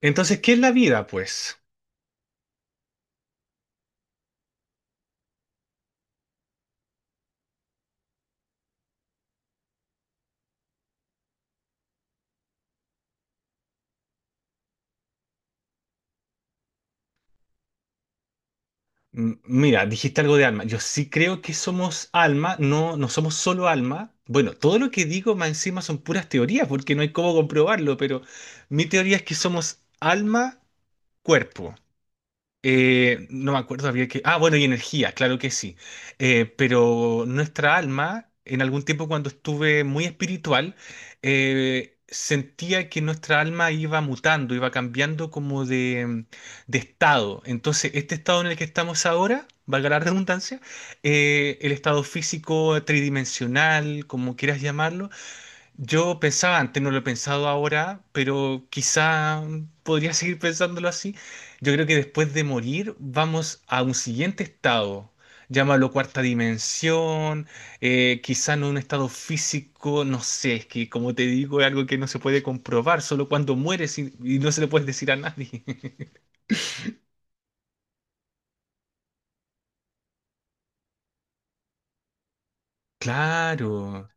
Entonces, ¿qué es la vida, pues? Mira, dijiste algo de alma. Yo sí creo que somos alma, no, no somos solo alma. Bueno, todo lo que digo más encima son puras teorías, porque no hay cómo comprobarlo, pero mi teoría es que somos alma, cuerpo. No me acuerdo, había que... Ah, bueno, y energía, claro que sí. Pero nuestra alma, en algún tiempo cuando estuve muy espiritual, sentía que nuestra alma iba mutando, iba cambiando como de estado. Entonces, este estado en el que estamos ahora, valga la redundancia, el estado físico tridimensional, como quieras llamarlo, yo pensaba antes, no lo he pensado ahora, pero quizá podría seguir pensándolo así. Yo creo que después de morir vamos a un siguiente estado. Llámalo cuarta dimensión, quizá no un estado físico, no sé, es que como te digo es algo que no se puede comprobar, solo cuando mueres y no se le puedes decir a nadie. Claro.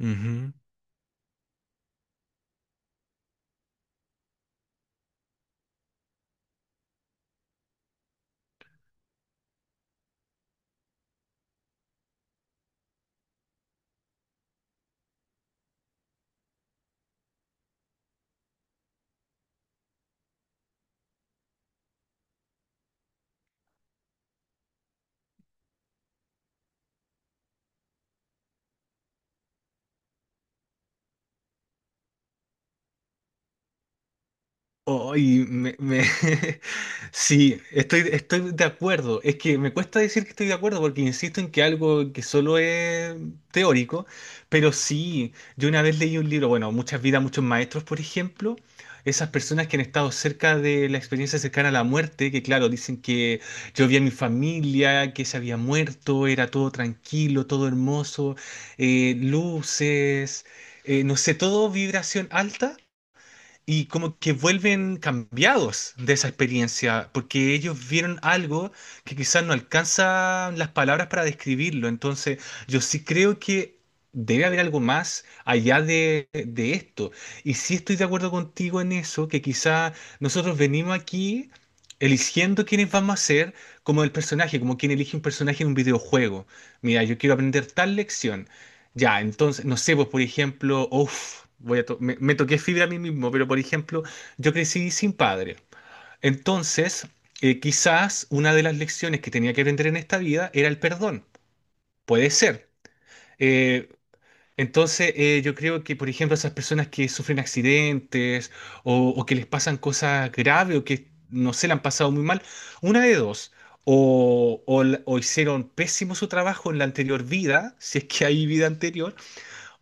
Ujú. Ay, Sí, estoy de acuerdo. Es que me cuesta decir que estoy de acuerdo porque insisto en que algo que solo es teórico, pero sí, yo una vez leí un libro, bueno, Muchas vidas, muchos maestros, por ejemplo, esas personas que han estado cerca de la experiencia cercana a la muerte, que claro, dicen que yo vi a mi familia, que se había muerto, era todo tranquilo, todo hermoso, luces, no sé, todo vibración alta y como que vuelven cambiados de esa experiencia, porque ellos vieron algo que quizás no alcanzan las palabras para describirlo. Entonces, yo sí creo que debe haber algo más allá de esto. Y sí estoy de acuerdo contigo en eso, que quizás nosotros venimos aquí eligiendo quiénes vamos a ser como el personaje, como quien elige un personaje en un videojuego. Mira, yo quiero aprender tal lección. Ya, entonces, no sé, pues por ejemplo, uff, me toqué fibra a mí mismo, pero por ejemplo, yo crecí sin padre. Entonces, quizás una de las lecciones que tenía que aprender en esta vida era el perdón. Puede ser. Eh, entonces, yo creo que, por ejemplo, esas personas que sufren accidentes o que les pasan cosas graves o que no se le han pasado muy mal, una de dos. O hicieron pésimo su trabajo en la anterior vida, si es que hay vida anterior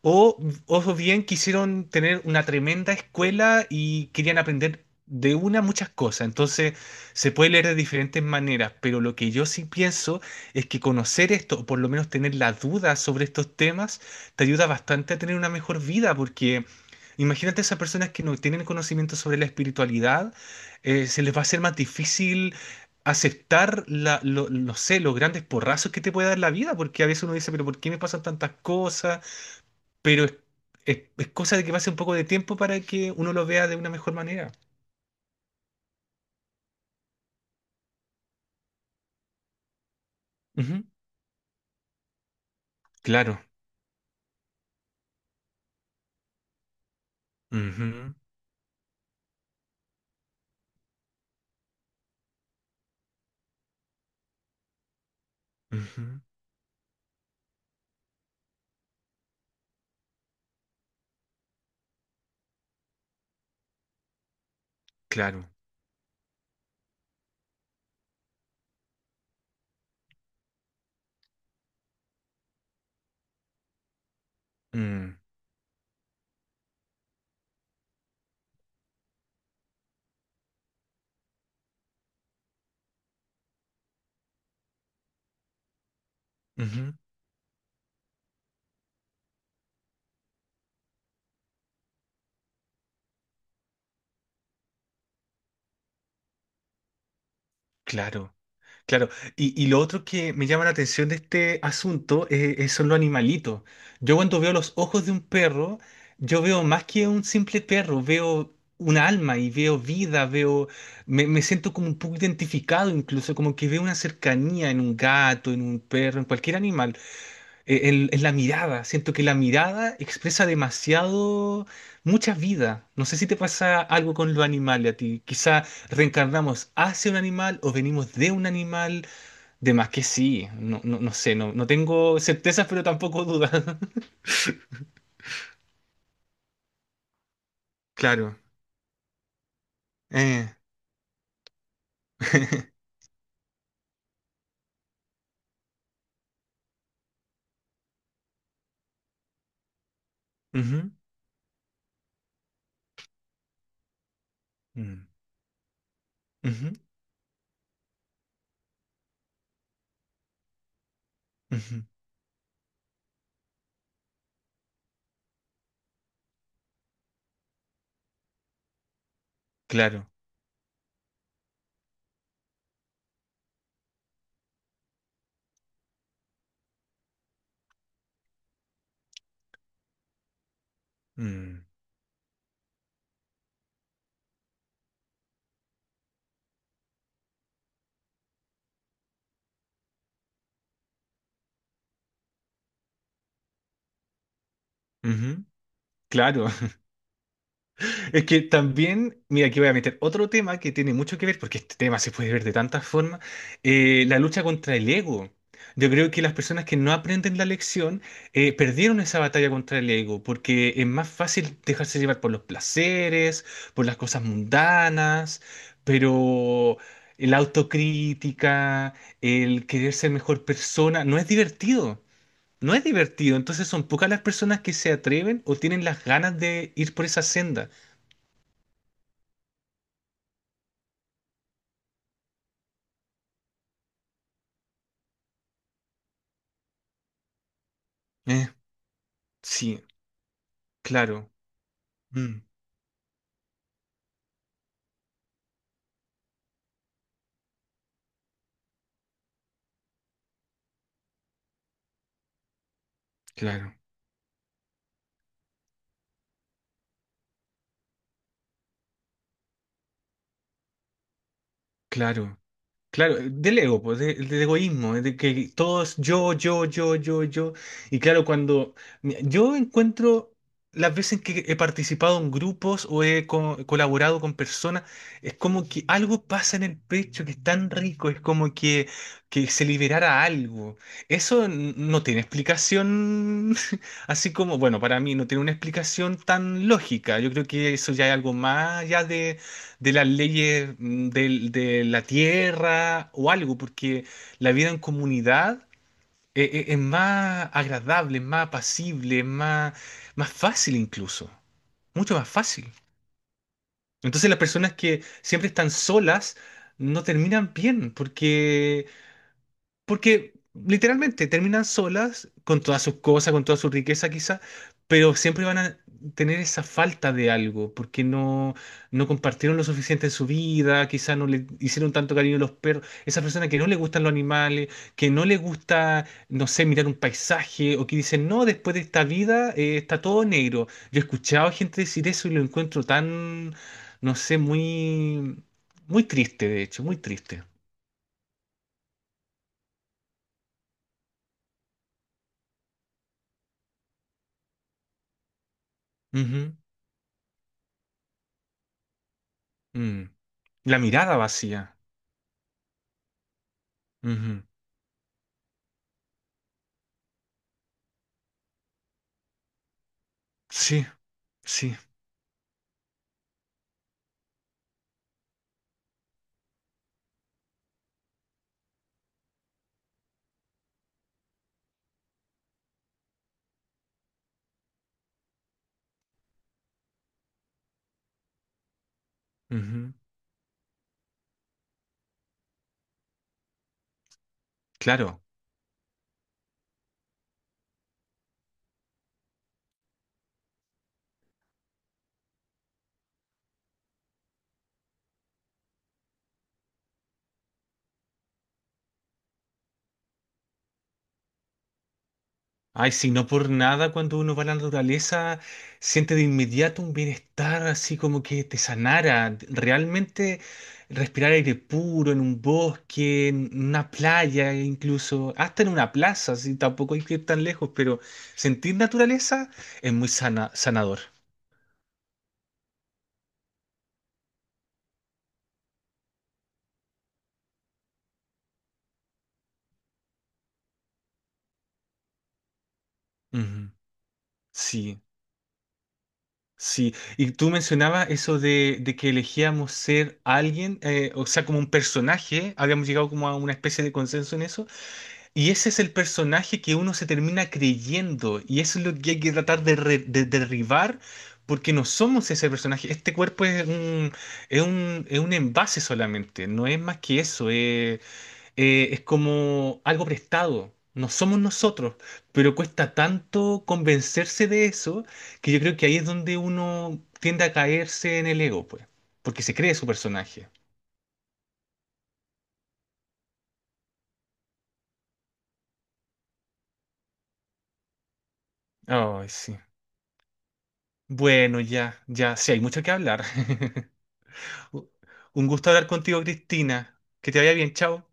o, o bien quisieron tener una tremenda escuela y querían aprender de una muchas cosas. Entonces se puede leer de diferentes maneras, pero lo que yo sí pienso es que conocer esto, o por lo menos tener la duda sobre estos temas, te ayuda bastante a tener una mejor vida, porque imagínate esas personas que no tienen conocimiento sobre la espiritualidad, se les va a hacer más difícil aceptar no sé, los grandes porrazos que te puede dar la vida, porque a veces uno dice, pero ¿por qué me pasan tantas cosas? Pero es cosa de que pase un poco de tiempo para que uno lo vea de una mejor manera. Ujú. Claro. Ujú, ujú. Claro. Mm, ujú. Claro. Claro. Y lo otro que me llama la atención de este asunto, son los animalitos. Yo cuando veo los ojos de un perro, yo veo más que un simple perro, veo una alma y veo vida, me siento como un poco identificado incluso, como que veo una cercanía en un gato, en un perro, en cualquier animal. Es la mirada, siento que la mirada expresa demasiado, muchas vidas. No sé si te pasa algo con los animales a ti. Quizá reencarnamos hacia un animal o venimos de un animal. De más que sí, no, no, no sé, no, no tengo certezas, pero tampoco dudas. Claro. Eh. Ujú, mm, ujú, ujú. Claro. Mm, ujú. Claro. Es que también, mira, aquí voy a meter otro tema que tiene mucho que ver, porque este tema se puede ver de tantas formas, la lucha contra el ego. Yo creo que las personas que no aprenden la lección, perdieron esa batalla contra el ego, porque es más fácil dejarse llevar por los placeres, por las cosas mundanas, pero la autocrítica, el querer ser mejor persona, no es divertido. No es divertido, entonces son pocas las personas que se atreven o tienen las ganas de ir por esa senda. Eh, Sí, claro, mm, claro, claro, claro, del ego, pues, del egoísmo, de que todos yo, yo, yo, yo, yo. Y claro, cuando mira, yo encuentro las veces que he participado en grupos o he colaborado con personas, es como que algo pasa en el pecho que es tan rico, es como que se liberara algo. Eso no tiene explicación. Así como, bueno, para mí no tiene una explicación tan lógica. Yo creo que eso ya es algo más ya de las leyes de la tierra o algo, porque la vida en comunidad es más agradable, es más apacible, es más, más fácil incluso, mucho más fácil. Entonces las personas que siempre están solas no terminan bien, porque literalmente terminan solas, con todas sus cosas, con toda su riqueza quizá, pero siempre van a tener esa falta de algo, porque no compartieron lo suficiente en su vida, quizá no le hicieron tanto cariño a los perros, esa persona que no le gustan los animales, que no le gusta, no sé, mirar un paisaje, o que dicen, no, después de esta vida, está todo negro. Yo he escuchado a gente decir eso y lo encuentro tan, no sé, muy, muy triste, de hecho, muy triste. Mm. La mirada vacía. Ujú. Sí, sí. Ujú. Claro. Ay, si no por nada cuando uno va a la naturaleza, siente de inmediato un bienestar así como que te sanara. Realmente respirar aire puro en un bosque, en una playa e incluso, hasta en una plaza, si tampoco hay que ir tan lejos, pero sentir naturaleza es muy sana, sanador. Ujú. Sí. Sí, y tú mencionabas eso de que elegíamos ser alguien, o sea, como un personaje, habíamos llegado como a una especie de consenso en eso, y ese es el personaje que uno se termina creyendo, y eso es lo que hay que tratar de derribar, porque no somos ese personaje, este cuerpo es un envase solamente, no es más que eso, es como algo prestado. No somos nosotros, pero cuesta tanto convencerse de eso que yo creo que ahí es donde uno tiende a caerse en el ego, pues, porque se cree su personaje. Ay, sí. Bueno, ya, ya, sí, hay mucho que hablar. Un gusto hablar contigo, Cristina. Que te vaya bien, chao.